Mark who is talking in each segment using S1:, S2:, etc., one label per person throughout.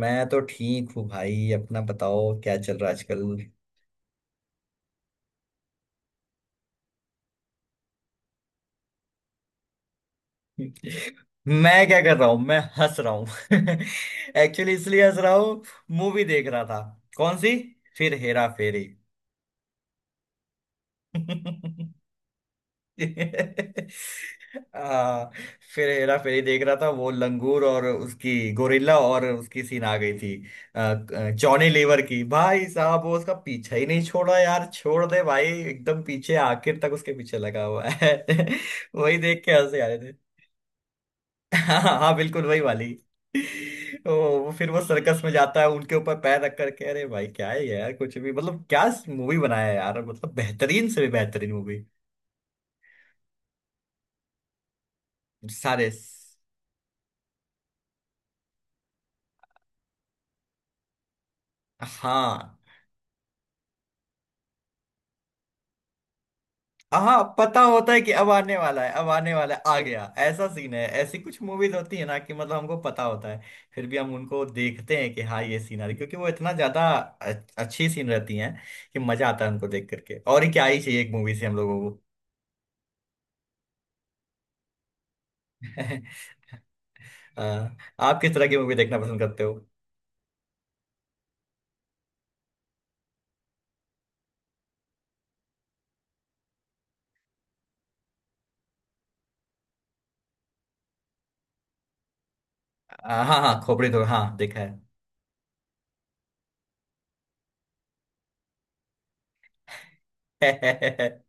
S1: मैं तो ठीक हूँ भाई। अपना बताओ क्या चल रहा है आजकल। मैं क्या कर रहा हूँ? मैं हंस रहा हूँ। एक्चुअली इसलिए हंस रहा हूँ, मूवी देख रहा था। कौन सी? फिर हेरा फेरी। आ, फिर हेरा फेरी देख रहा था, वो लंगूर और उसकी गोरिल्ला और उसकी सीन आ गई थी। आ, जॉनी लीवर की, भाई साहब, वो उसका पीछा ही नहीं छोड़ा यार। छोड़ दे भाई एकदम, पीछे आखिर तक उसके पीछे लगा हुआ है। वही देख के हंसे आ रहे थे। हाँ हाँ, बिल्कुल वही वाली। ओ, वो फिर वो सर्कस में जाता है उनके ऊपर पैर रख करके। अरे भाई क्या है यार, कुछ भी, मतलब क्या मूवी बनाया है यार, मतलब बेहतरीन से भी बेहतरीन मूवी। सारे। हाँ हाँ, पता होता है कि अब आने वाला है, अब आने वाला है, आ गया। ऐसा सीन है। ऐसी कुछ मूवीज होती है ना, कि मतलब हमको पता होता है, फिर भी हम उनको देखते हैं कि हाँ ये सीन आ रही, क्योंकि वो इतना ज्यादा अच्छी सीन रहती हैं कि मजा आता है उनको देख करके। और ही क्या ही चाहिए एक मूवी से हम लोगों को। आप किस तरह की मूवी देखना पसंद करते हो? हाँ हाँ, खोपड़ी तो हाँ देखा है।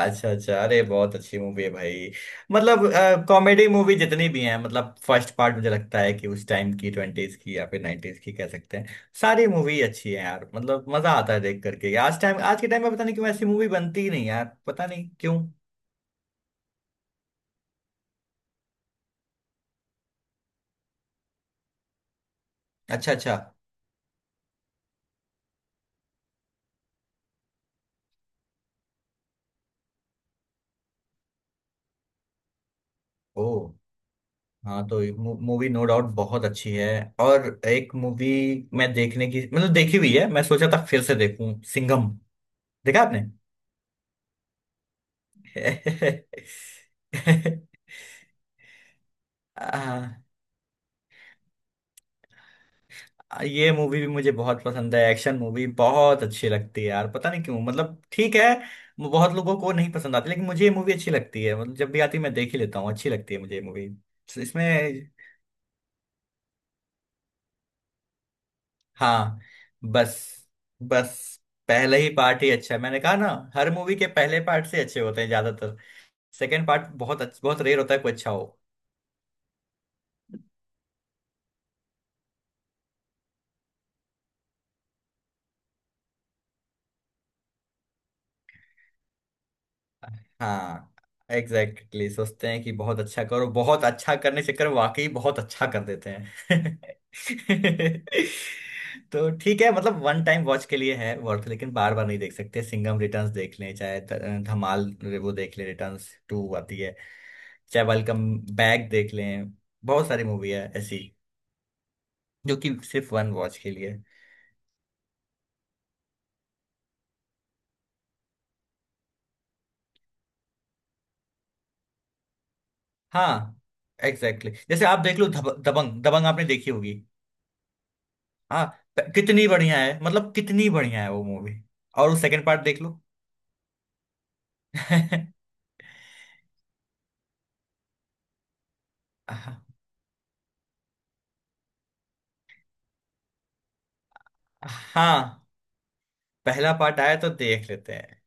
S1: अच्छा अच्छा, अरे बहुत अच्छी मूवी है भाई। मतलब कॉमेडी मूवी जितनी भी हैं, मतलब फर्स्ट पार्ट, मुझे लगता है कि उस टाइम की ट्वेंटीज की या फिर नाइनटीज की कह सकते हैं। सारी मूवी अच्छी है यार, मतलब मजा आता है देख करके। आज टाइम, आज के टाइम में पता नहीं क्यों ऐसी मूवी बनती ही नहीं यार, पता नहीं क्यों। अच्छा अच्छा। ओ। हाँ तो मूवी नो डाउट बहुत अच्छी है। और एक मूवी मैं देखने की, मतलब देखी हुई है, मैं सोचा था फिर से देखूं, सिंघम। देखा आपने? आ, ये मूवी भी मुझे बहुत पसंद है, एक्शन मूवी बहुत अच्छी लगती है यार पता नहीं क्यों। मतलब ठीक है, वो बहुत लोगों को नहीं पसंद आती, लेकिन मुझे ये मूवी अच्छी लगती है। मतलब जब भी आती है मैं देख ही लेता हूँ, अच्छी लगती है मुझे ये मूवी। इसमें। हाँ। बस बस, पहले ही पार्ट ही अच्छा है, मैंने कहा ना। हर मूवी के पहले पार्ट से अच्छे होते हैं ज्यादातर। सेकेंड पार्ट बहुत अच्छा बहुत रेयर होता है कोई अच्छा हो। हाँ एग्जैक्टली exactly, सोचते हैं कि बहुत अच्छा करो, बहुत अच्छा करने के चक्कर में वाकई बहुत अच्छा कर देते हैं। तो ठीक है, मतलब वन टाइम वॉच के लिए है वर्थ, लेकिन बार बार नहीं देख सकते। सिंघम रिटर्न्स देख लें, चाहे धमाल वो देख लें, रिटर्न्स टू आती है, चाहे वेलकम बैक देख लें। बहुत सारी मूवी है ऐसी जो कि सिर्फ वन वॉच के लिए। हाँ एग्जैक्टली exactly. जैसे आप देख लो दबंग। दबंग आपने देखी होगी। हाँ, कितनी बढ़िया है, मतलब कितनी बढ़िया है वो मूवी। और वो सेकंड पार्ट देख लो। हाँ हाँ, पहला पार्ट आया तो देख लेते हैं।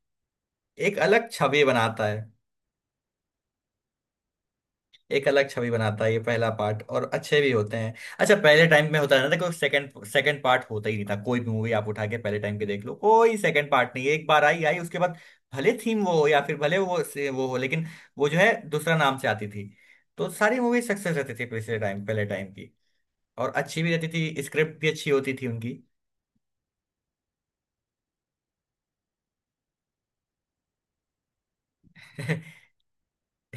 S1: एक अलग छवि बनाता है, एक अलग छवि बनाता है ये पहला पार्ट, और अच्छे भी होते हैं। अच्छा, पहले टाइम में होता है ना, देखो सेकंड सेकंड पार्ट होता ही नहीं था। कोई भी मूवी आप उठा के पहले टाइम के देख लो, कोई सेकंड पार्ट नहीं है। एक बार आई आई, उसके बाद भले थीम वो हो या फिर भले वो वो हो लेकिन, वो जो है दूसरा नाम से आती थी। तो सारी मूवी सक्सेस रहती थी पिछले टाइम, पहले टाइम की। और अच्छी भी रहती थी, स्क्रिप्ट भी अच्छी होती थी उनकी।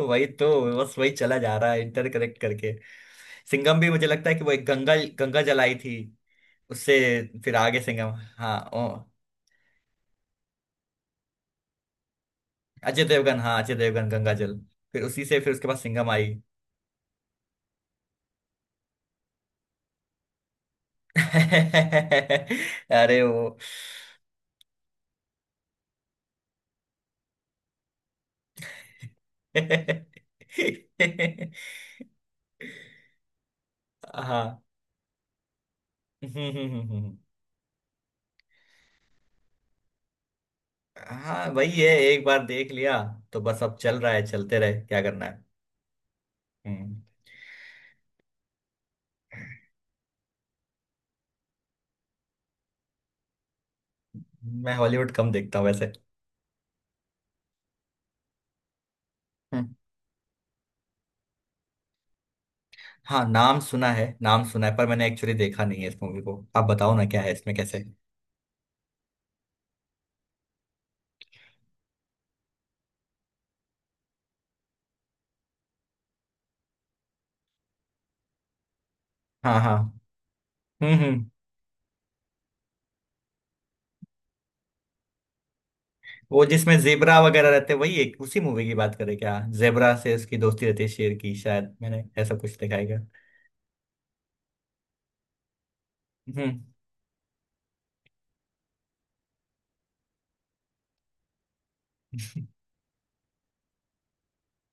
S1: वही तो। बस वही चला जा रहा है इंटरकरेक्ट करके। सिंघम भी मुझे लगता है कि वो एक गंगा गंगा जलाई थी, उससे फिर आगे सिंघम। हाँ। ओ, अजय देवगन, हाँ अजय देवगन गंगा जल, फिर उसी से फिर उसके बाद सिंघम आई। अरे वो। हाँ। हाँ वही है, एक बार देख लिया तो बस, अब चल रहा है चलते रहे, क्या करना है। हम्म। मैं हॉलीवुड कम देखता हूँ वैसे। हम्म, हाँ नाम सुना है, नाम सुना है, पर मैंने एक्चुअली देखा नहीं है इस मूवी को। आप बताओ ना क्या है इसमें, कैसे? हाँ हाँ। हम्म। वो जिसमें जेबरा वगैरह रहते हैं, वही एक उसी मूवी की बात करें क्या? जेबरा से उसकी दोस्ती रहती है शेर की, शायद मैंने ऐसा कुछ देखा है क्या? हम्म।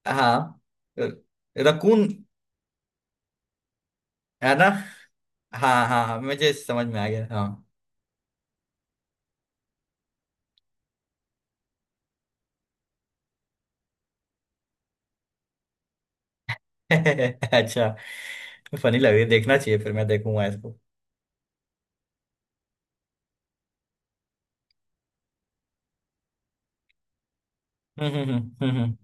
S1: हाँ रकून। है ना? हाँ हाँ हाँ, मुझे समझ में आ गया, हाँ। अच्छा, फनी लग रही है, देखना चाहिए, फिर मैं देखूंगा इसको। हम्म हम्म हम्म हम्म, हम्म।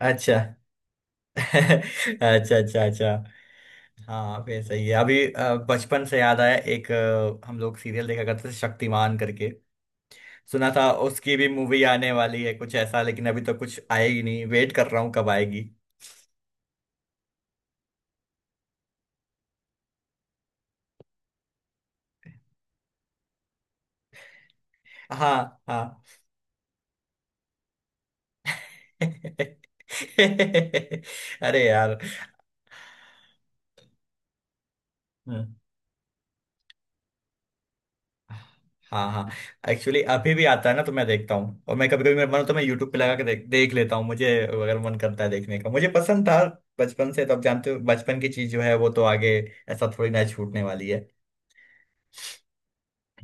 S1: अच्छा। अच्छा अच्छा अच्छा। हाँ फिर सही है। अभी बचपन से याद आया एक, हम लोग सीरियल देखा करते थे शक्तिमान करके। सुना था उसकी भी मूवी आने वाली है कुछ ऐसा, लेकिन अभी तो कुछ आएगी नहीं, वेट कर रहा हूँ कब आएगी। हाँ हाँ। अरे यार। हम्म। हाँ हाँ, एक्चुअली अभी भी आता है ना तो मैं देखता हूँ, और मैं कभी कभी मेरा मन हो तो मैं यूट्यूब पे लगा के देख देख लेता हूँ। मुझे अगर मन करता है देखने का, मुझे पसंद था बचपन से। तो अब जानते हो बचपन की चीज जो है वो तो आगे ऐसा थोड़ी ना छूटने वाली है।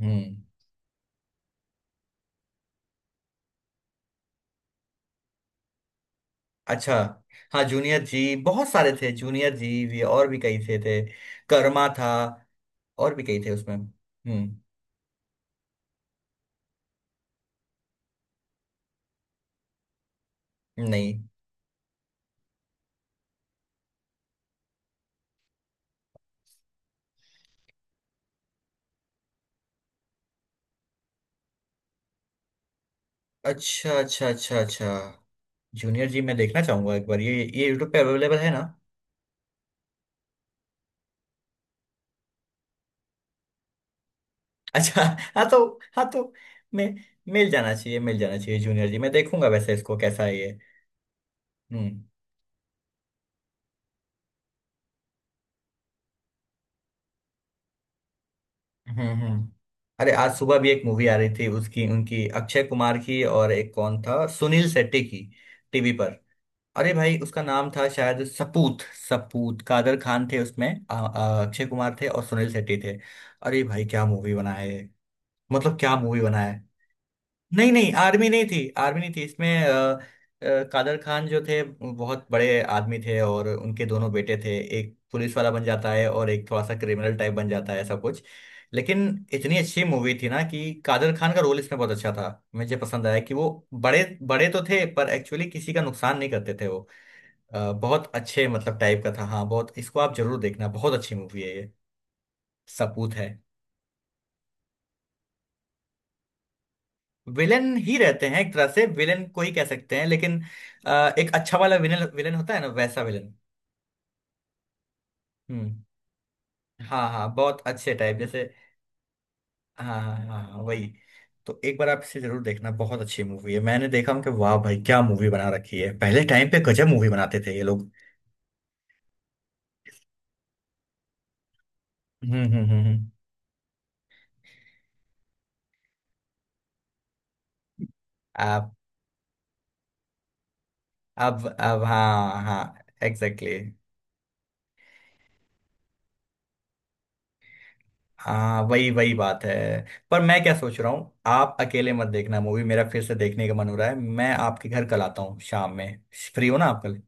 S1: हम्म। अच्छा। हाँ जूनियर जी बहुत सारे थे, जूनियर जी भी और भी कई थे थे। कर्मा था, और भी कई थे उसमें। हम्म। नहीं। अच्छा अच्छा अच्छा अच्छा, जूनियर जी मैं देखना चाहूंगा एक बार। ये यूट्यूब पे अवेलेबल है ना? अच्छा। हाँ तो। हाँ तो। मैं मिल जाना चाहिए, मिल जाना चाहिए जूनियर जी, मैं देखूंगा वैसे इसको, कैसा है ये? हम्म हम्म। अरे आज सुबह भी एक मूवी आ रही थी उसकी, उनकी अक्षय कुमार की, और एक कौन था, सुनील शेट्टी की। टीवी पर अरे भाई उसका नाम था शायद सपूत। सपूत, कादर खान थे उसमें, अक्षय कुमार थे और सुनील शेट्टी थे। अरे भाई क्या मूवी बनाया है, मतलब क्या मूवी बनाया है। नहीं नहीं, आर्मी नहीं थी, आर्मी नहीं थी इसमें। कादर खान जो थे, बहुत बड़े आदमी थे, और उनके दोनों बेटे थे, एक पुलिस वाला बन जाता है और एक थोड़ा सा क्रिमिनल टाइप बन जाता है, ऐसा कुछ। लेकिन इतनी अच्छी मूवी थी ना कि कादर खान का रोल इसमें बहुत अच्छा था, मुझे पसंद आया कि वो बड़े बड़े तो थे पर एक्चुअली किसी का नुकसान नहीं करते थे वो। बहुत अच्छे मतलब टाइप का था, हाँ बहुत, इसको आप जरूर देखना, बहुत अच्छी मूवी है ये सपूत है। विलेन ही रहते हैं एक तरह से, विलेन को ही कह सकते हैं लेकिन एक अच्छा वाला विलेन, विलेन होता है ना वैसा विलेन। हम्म। हाँ हाँ, बहुत अच्छे टाइप जैसे। हाँ हाँ हाँ हाँ, वही। तो एक बार आप इसे जरूर देखना, बहुत अच्छी मूवी है। मैंने देखा हूँ कि वाह भाई क्या मूवी बना रखी है, पहले टाइम पे गजब मूवी बनाते थे ये लोग। हम्म हम्म हम्म हम्म। आप। अब हाँ हाँ एग्जैक्टली। हाँ वही वही बात है। पर मैं क्या सोच रहा हूँ, आप अकेले मत देखना मूवी, मेरा फिर से देखने का मन हो रहा है, मैं आपके घर कल आता हूँ शाम में। फ्री हो ना आप कल?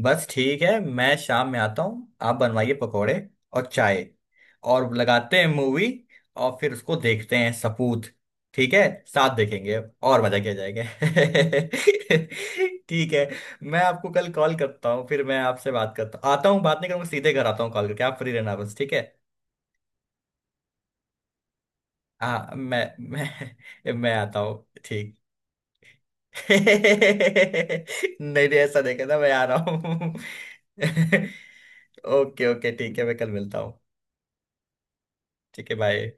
S1: बस ठीक है, मैं शाम में आता हूँ, आप बनवाइए पकौड़े और चाय, और लगाते हैं मूवी, और फिर उसको देखते हैं सपूत। ठीक है, साथ देखेंगे और मजा किया जाएगा। ठीक है। मैं आपको कल कॉल करता हूँ, फिर मैं आपसे बात करता हूँ, आता हूँ, बात नहीं करूँगा, सीधे घर आता हूँ कॉल करके। आप फ्री रहना बस, ठीक है? हाँ मैं आता हूँ, ठीक। नहीं नहीं ऐसा नहीं करना, मैं आ रहा हूँ। ओके ओके, ठीक है मैं कल मिलता हूँ। ठीक है, बाय।